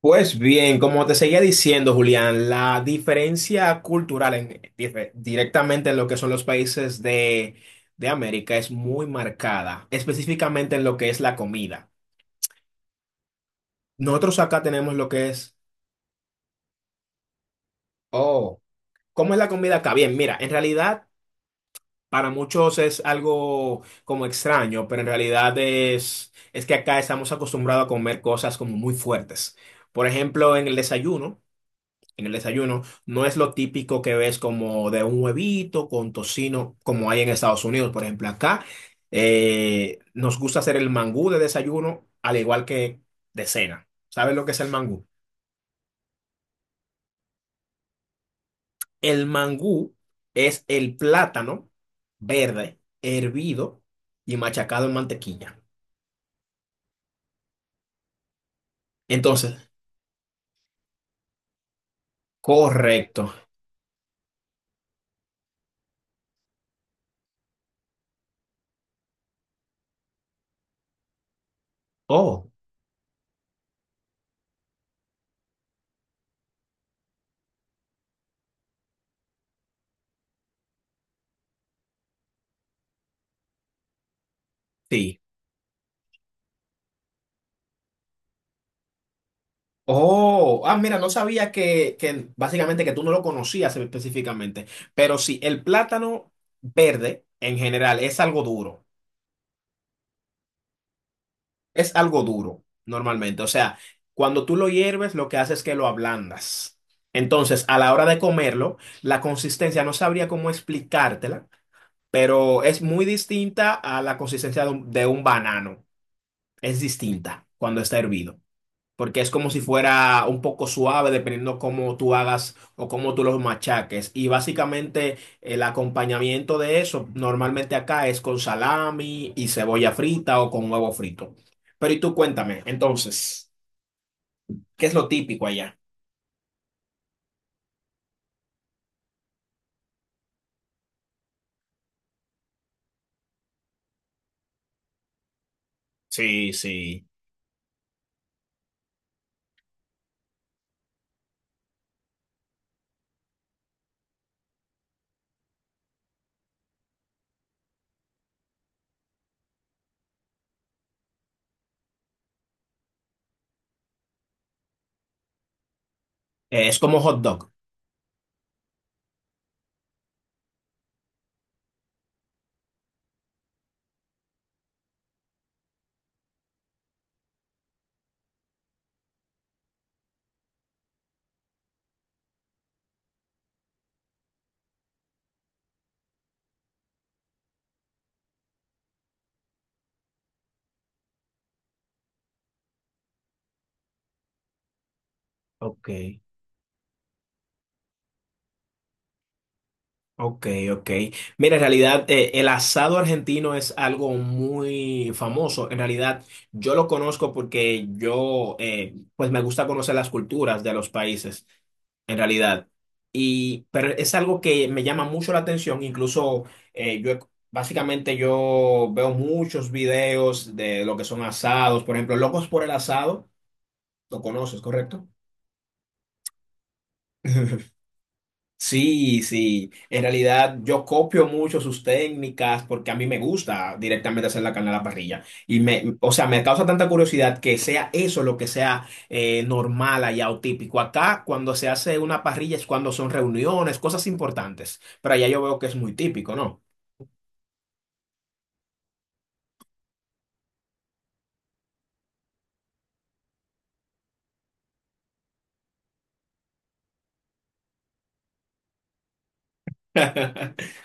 Pues bien, como te seguía diciendo, Julián, la diferencia cultural directamente en lo que son los países de América es muy marcada, específicamente en lo que es la comida. Nosotros acá tenemos lo que es, oh, ¿cómo es la comida acá? Bien, mira, en realidad para muchos es algo como extraño, pero en realidad es que acá estamos acostumbrados a comer cosas como muy fuertes. Por ejemplo, en el desayuno. No es lo típico que ves como de un huevito con tocino, como hay en Estados Unidos. Por ejemplo, acá nos gusta hacer el mangú de desayuno, al igual que de cena. ¿Sabes lo que es el mangú? El mangú es el plátano verde, hervido y machacado en mantequilla. Entonces, correcto. Oh, sí. Oh, ah, mira, no sabía que básicamente que tú no lo conocías específicamente, pero sí, el plátano verde en general es algo duro normalmente, o sea, cuando tú lo hierves lo que haces es que lo ablandas. Entonces, a la hora de comerlo, la consistencia, no sabría cómo explicártela, pero es muy distinta a la consistencia de un banano, es distinta cuando está hervido, porque es como si fuera un poco suave dependiendo cómo tú hagas o cómo tú los machaques. Y básicamente el acompañamiento de eso normalmente acá es con salami y cebolla frita o con huevo frito. Pero y tú cuéntame, entonces, ¿qué es lo típico allá? Sí, sí. Es como hot dog. Ok. Ok, ok. Mira, en realidad el asado argentino es algo muy famoso. En realidad yo lo conozco porque yo, pues me gusta conocer las culturas de los países, en realidad. Y, pero es algo que me llama mucho la atención. Incluso eh, yo, he- básicamente yo veo muchos videos de lo que son asados. Por ejemplo, Locos por el Asado, lo conoces, ¿correcto? Sí, sí. En realidad yo copio mucho sus técnicas porque a mí me gusta directamente hacer la carne a la parrilla. Y me, o sea, me causa tanta curiosidad que sea eso lo que sea normal allá o típico. Acá cuando se hace una parrilla es cuando son reuniones, cosas importantes. Pero allá yo veo que es muy típico, ¿no?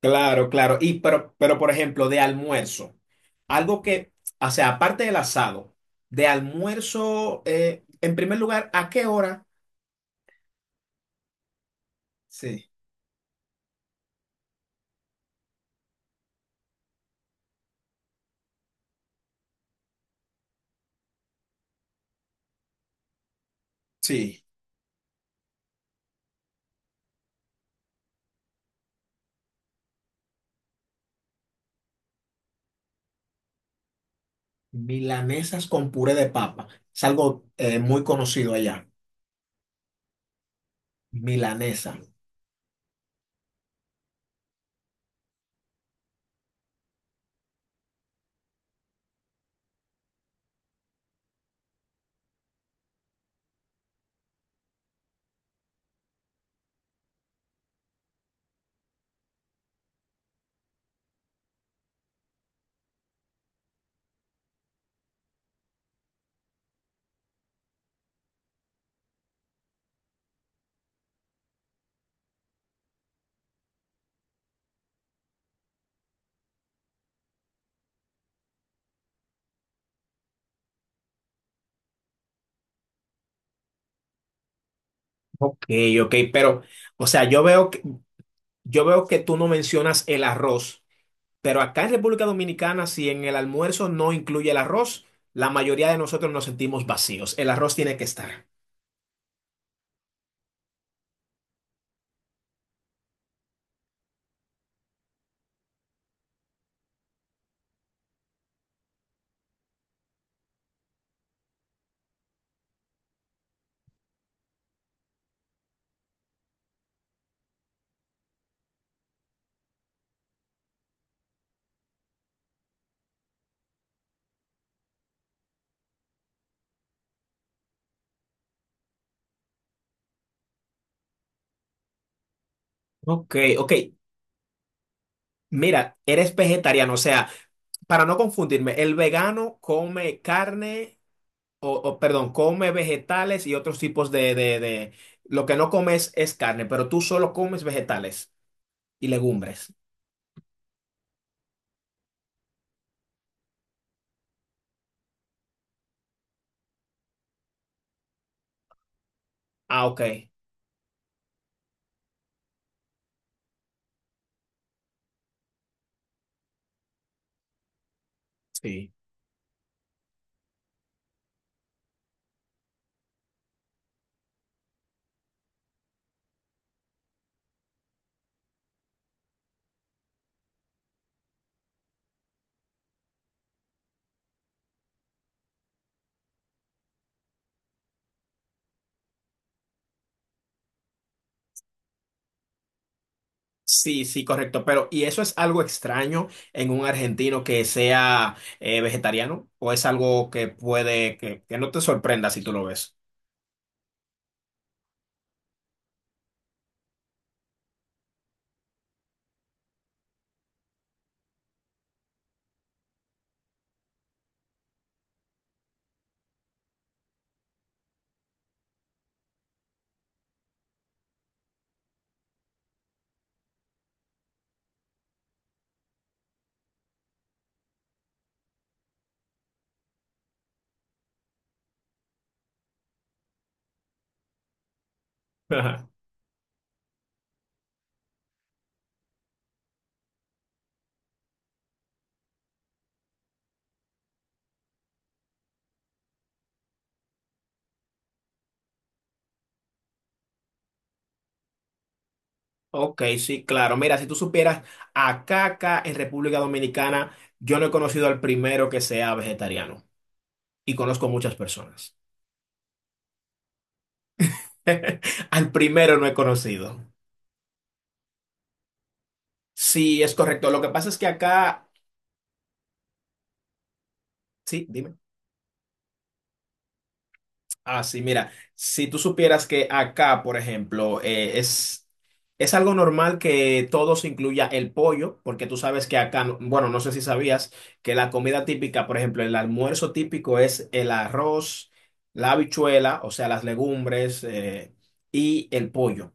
Claro, claro. Y pero por ejemplo, de almuerzo, algo que, o sea, aparte del asado, de almuerzo, en primer lugar, ¿a qué hora? Sí. Sí. Milanesas con puré de papa. Es algo muy conocido allá. Milanesa. Ok, ok, pero, o sea, yo veo que tú no mencionas el arroz, pero acá en República Dominicana, si en el almuerzo no incluye el arroz, la mayoría de nosotros nos sentimos vacíos. El arroz tiene que estar. Ok, ok. Mira, eres vegetariano, o sea, para no confundirme, el vegano come carne. Perdón, come vegetales y otros tipos de Lo que no comes es carne, pero tú solo comes vegetales y legumbres. Ah, ok. Sí. Sí, sí, correcto. Pero, ¿y eso es algo extraño en un argentino que sea vegetariano? ¿O es algo que que no te sorprenda si tú lo ves? Ajá. Ok, sí, claro. Mira, si tú supieras, acá en República Dominicana, yo no he conocido al primero que sea vegetariano y conozco muchas personas. Al primero no he conocido. Sí, es correcto. Lo que pasa es que acá, sí, dime. Ah, sí, mira, si tú supieras que acá, por ejemplo, es algo normal que todo se incluya el pollo, porque tú sabes que acá, no- bueno, no sé si sabías que la comida típica, por ejemplo, el almuerzo típico es el arroz, la habichuela, o sea, las legumbres, y el pollo.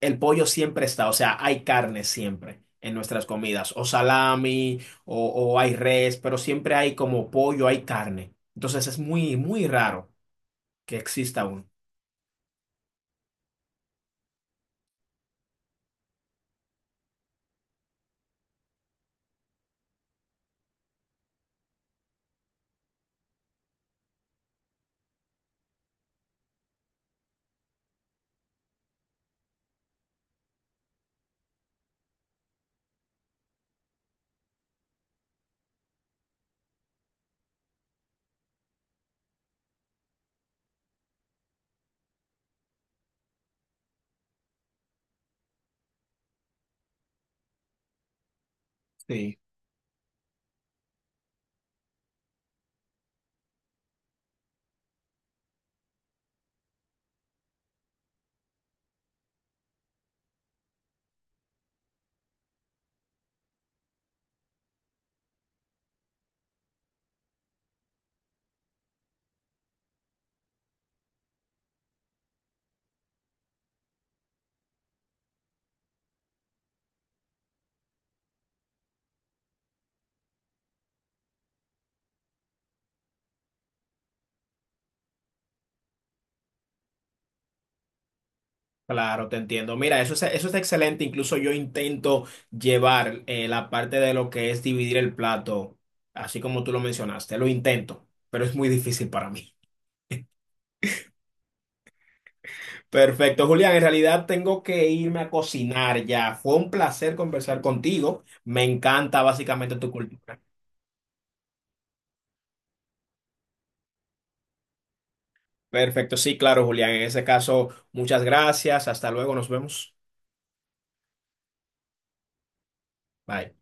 El pollo siempre está, o sea, hay carne siempre en nuestras comidas, o salami, o, o hay res, pero siempre hay como pollo, hay carne. Entonces es muy, muy raro que exista uno. Sí, claro, te entiendo. Mira, eso es excelente. Incluso yo intento llevar la parte de lo que es dividir el plato, así como tú lo mencionaste. Lo intento, pero es muy difícil para mí. Perfecto, Julián. En realidad tengo que irme a cocinar ya. Fue un placer conversar contigo. Me encanta básicamente tu cultura. Perfecto, sí, claro, Julián. En ese caso, muchas gracias. Hasta luego, nos vemos. Bye.